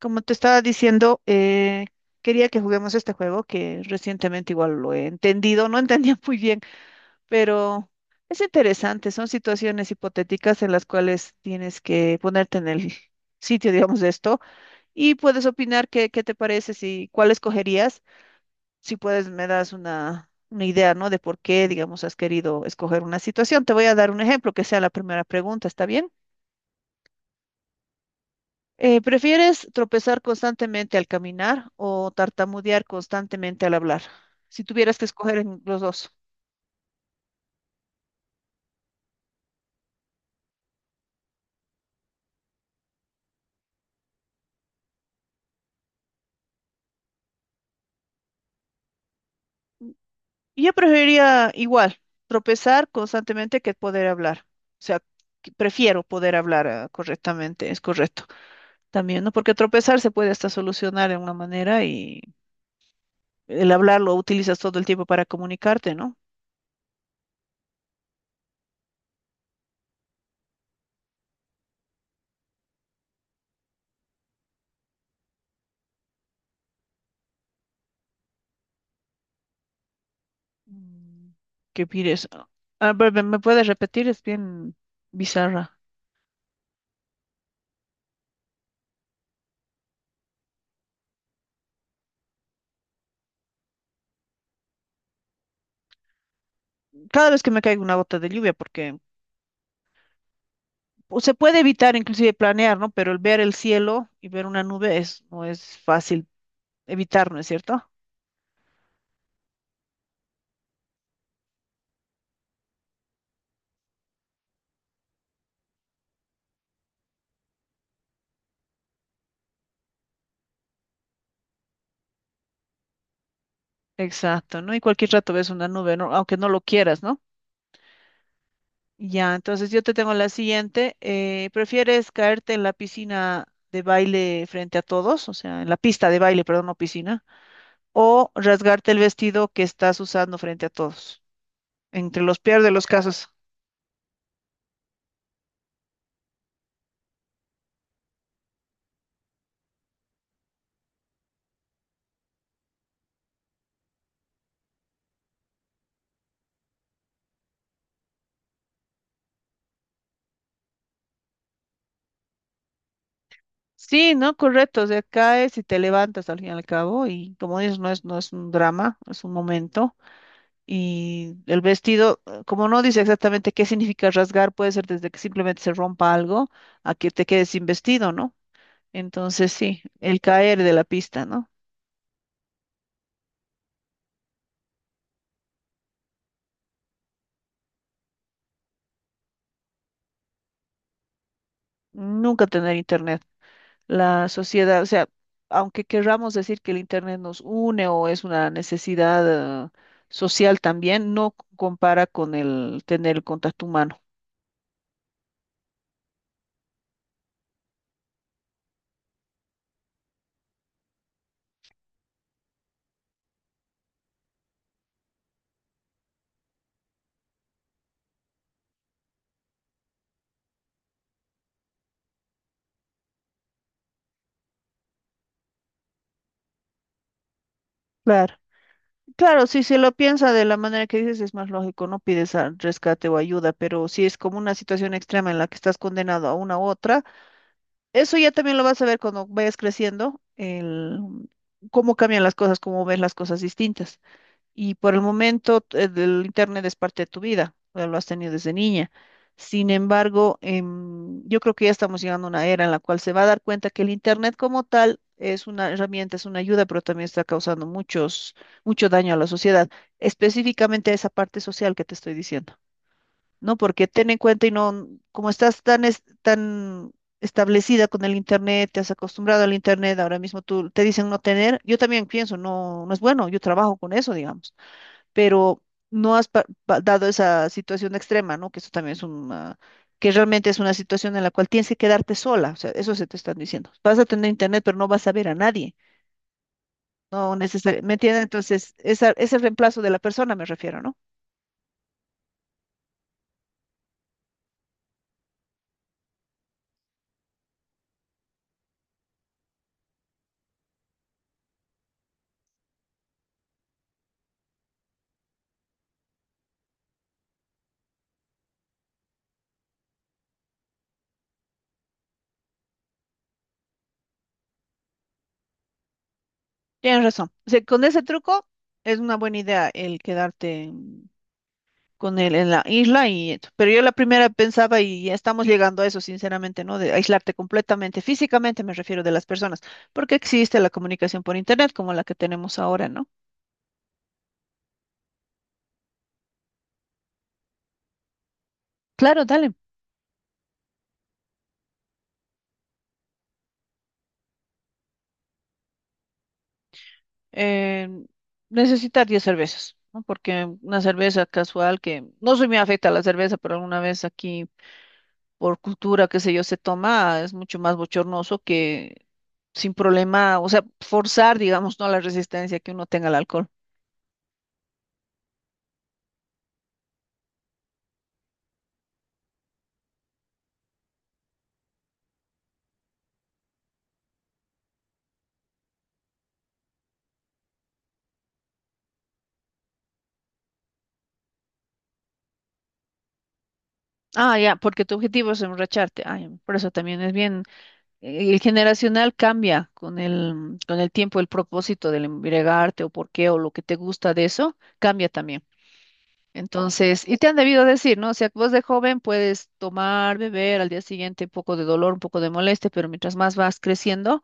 Como te estaba diciendo, quería que juguemos este juego que recientemente igual lo he entendido, no entendía muy bien, pero es interesante. Son situaciones hipotéticas en las cuales tienes que ponerte en el sitio, digamos, de esto y puedes opinar qué, qué te parece, si cuál escogerías. Si puedes, me das una idea, ¿no? De por qué, digamos, has querido escoger una situación. Te voy a dar un ejemplo que sea la primera pregunta, ¿está bien? ¿Prefieres tropezar constantemente al caminar o tartamudear constantemente al hablar? Si tuvieras que escoger en los dos. Yo preferiría igual, tropezar constantemente que poder hablar. O sea, que prefiero poder hablar correctamente, es correcto. También, ¿no? Porque tropezar se puede hasta solucionar de una manera y el hablar lo utilizas todo el tiempo para comunicarte, ¿no? Mm, ¿qué pides? Ah, ¿me puedes repetir? Es bien bizarra. Cada vez que me caiga una gota de lluvia, porque o se puede evitar inclusive planear, ¿no? Pero el ver el cielo y ver una nube es, no es fácil evitar, ¿no es cierto? Exacto, ¿no? Y cualquier rato ves una nube, ¿no? Aunque no lo quieras, ¿no? Ya, entonces yo te tengo la siguiente. ¿Prefieres caerte en la piscina de baile frente a todos? O sea, en la pista de baile, perdón, no piscina. ¿O rasgarte el vestido que estás usando frente a todos? Entre los peores de los casos. Sí, ¿no? Correcto. O sea, caes y te levantas al fin y al cabo. Y como dices, no es, no es un drama, es un momento. Y el vestido, como no dice exactamente qué significa rasgar, puede ser desde que simplemente se rompa algo a que te quedes sin vestido, ¿no? Entonces, sí, el caer de la pista, ¿no? Nunca tener internet. La sociedad, o sea, aunque querramos decir que el internet nos une o es una necesidad, social también, no c- compara con el tener el contacto humano. Claro. Claro, si se lo piensa de la manera que dices, es más lógico, no pides rescate o ayuda, pero si es como una situación extrema en la que estás condenado a una u otra, eso ya también lo vas a ver cuando vayas creciendo, el, cómo cambian las cosas, cómo ves las cosas distintas. Y por el momento el Internet es parte de tu vida, lo has tenido desde niña. Sin embargo, yo creo que ya estamos llegando a una era en la cual se va a dar cuenta que el Internet como tal es una herramienta, es una ayuda, pero también está causando mucho daño a la sociedad, específicamente a esa parte social que te estoy diciendo, ¿no? Porque ten en cuenta y no, como estás tan, tan establecida con el Internet, te has acostumbrado al Internet, ahora mismo tú te dicen no tener, yo también pienso, no, no es bueno, yo trabajo con eso, digamos pero no has dado esa situación extrema, ¿no? Que eso también es una, que realmente es una situación en la cual tienes que quedarte sola, o sea, eso se te están diciendo. Vas a tener internet, pero no vas a ver a nadie, no necesariamente, ¿me entiendes? Entonces, esa, es el reemplazo de la persona, me refiero, ¿no? Tienes razón. O sea, con ese truco es una buena idea el quedarte con él en la isla y esto. Pero yo la primera pensaba y ya estamos llegando a eso sinceramente, ¿no? De aislarte completamente, físicamente me refiero de las personas, porque existe la comunicación por internet como la que tenemos ahora, ¿no? Claro, dale. Eh, necesitar 10 cervezas, ¿no? Porque una cerveza casual que no soy muy afecta a la cerveza, pero alguna vez aquí por cultura, qué sé yo, se toma, es mucho más bochornoso que sin problema, o sea, forzar, digamos, no la resistencia que uno tenga al alcohol. Ah, ya, porque tu objetivo es emborracharte. Ay, por eso también es bien. El generacional cambia con el tiempo, el propósito del embriagarte o por qué o lo que te gusta de eso, cambia también. Entonces, y te han debido decir, ¿no? O sea, vos de joven puedes tomar, beber, al día siguiente un poco de dolor, un poco de molestia, pero mientras más vas creciendo,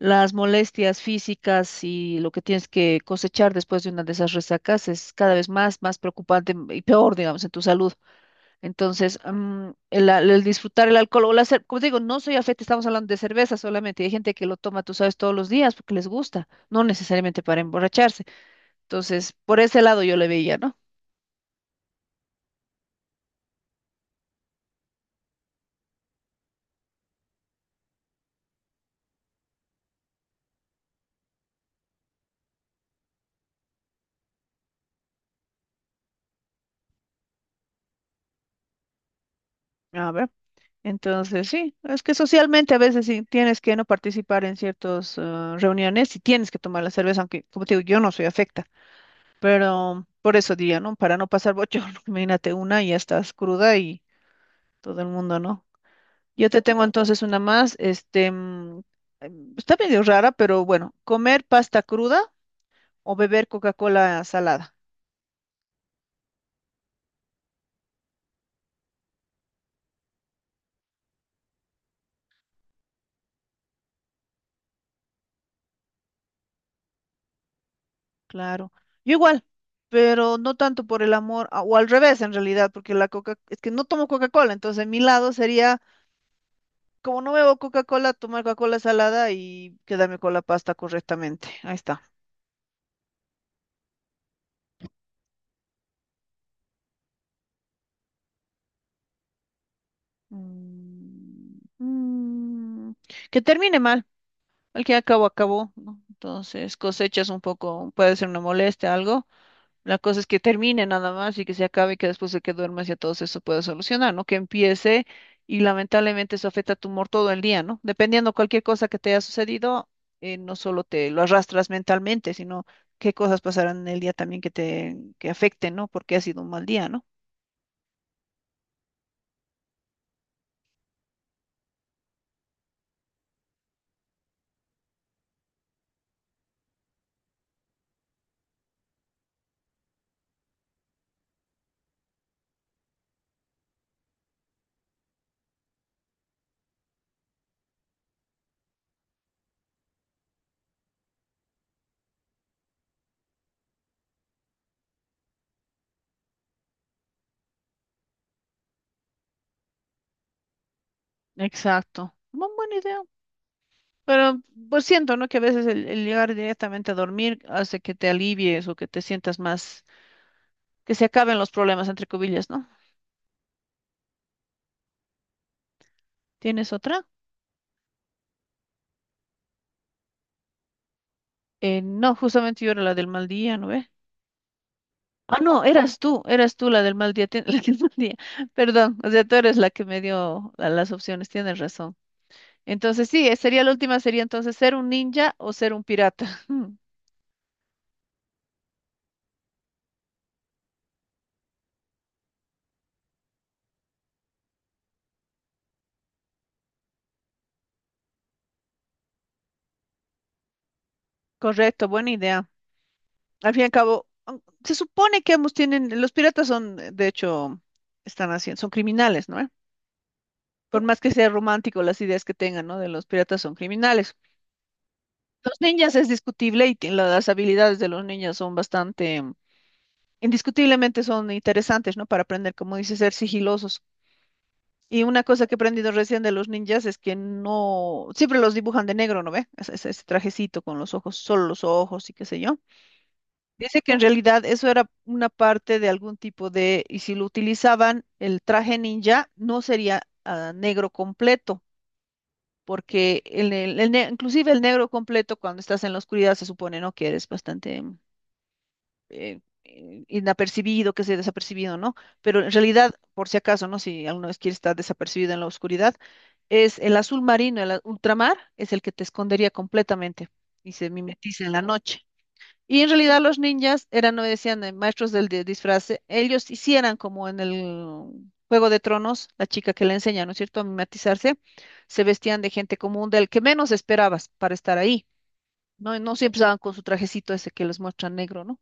las molestias físicas y lo que tienes que cosechar después de una de esas resacas es cada vez más, más preocupante y peor, digamos, en tu salud. Entonces, mm, el, el disfrutar el alcohol o la como te digo, no soy afecta, estamos hablando de cerveza solamente. Hay gente que lo toma, tú sabes, todos los días porque les gusta, no necesariamente para emborracharse. Entonces, por ese lado yo le veía, ¿no? A ver, entonces sí, es que socialmente a veces sí tienes que no participar en ciertas reuniones y tienes que tomar la cerveza, aunque, como te digo, yo no soy afecta, pero por eso diría, ¿no? Para no pasar bochorno, imagínate una y ya estás cruda y todo el mundo, ¿no? Yo te tengo entonces una más, este, mm, está medio rara, pero bueno, comer pasta cruda o beber Coca-Cola salada, claro. Yo igual, pero no tanto por el amor, o al revés en realidad, porque la Coca, es que no tomo Coca-Cola, entonces mi lado sería, como no bebo Coca-Cola, tomar Coca-Cola salada y quedarme con la pasta correctamente. Ahí está. Mm, mm, que termine mal. El que acabó, acabó, ¿no? Entonces cosechas un poco, puede ser una molestia, algo. La cosa es que termine nada más y que se acabe y que después de que duermas ya todo eso pueda solucionar, ¿no? Que empiece y lamentablemente eso afecta a tu humor todo el día, ¿no? Dependiendo cualquier cosa que te haya sucedido, no solo te lo arrastras mentalmente, sino qué cosas pasarán en el día también que te que afecten, ¿no? Porque ha sido un mal día, ¿no? Exacto. Buena idea. Pero pues siento, ¿no? Que a veces el llegar directamente a dormir hace que te alivies o que te sientas más, que se acaben los problemas, entre comillas, ¿no? ¿Tienes otra? No, justamente yo era la del mal día, ¿no ves? Ah, no, eras tú la del mal día, la del mal día. Perdón, o sea, tú eres la que me dio las opciones, tienes razón. Entonces, sí, sería la última, sería entonces ser un ninja o ser un pirata. Mm, correcto, buena idea. Al fin y al cabo, mm, se supone que ambos tienen, los piratas son, de hecho, están haciendo, son criminales, ¿no? ¿Eh? Por más que sea romántico las ideas que tengan, ¿no? De los piratas son criminales. Los ninjas es discutible y las habilidades de los ninjas son bastante indiscutiblemente son interesantes, ¿no? Para aprender, como dices, ser sigilosos. Y una cosa que he aprendido recién de los ninjas es que no, siempre los dibujan de negro, ¿no ve? Ese, ese trajecito con los ojos, solo los ojos y qué sé yo. Dice que en realidad eso era una parte de algún tipo de, y si lo utilizaban, el traje ninja no sería negro completo, porque el, el inclusive el negro completo cuando estás en la oscuridad se supone, ¿no? Que eres bastante inapercibido, que sea desapercibido, ¿no? Pero en realidad, por si acaso, ¿no? Si alguna vez quieres estar desapercibido en la oscuridad, es el azul marino, el ultramar, es el que te escondería completamente y se mimetiza en la noche. Y en realidad los ninjas eran, no decían, maestros del de disfraz, ellos hicieran como en el Juego de Tronos, la chica que le enseña, ¿no es cierto?, a mimetizarse, se vestían de gente común, del que menos esperabas para estar ahí, ¿no? Y no siempre estaban con su trajecito ese que les muestra negro, ¿no?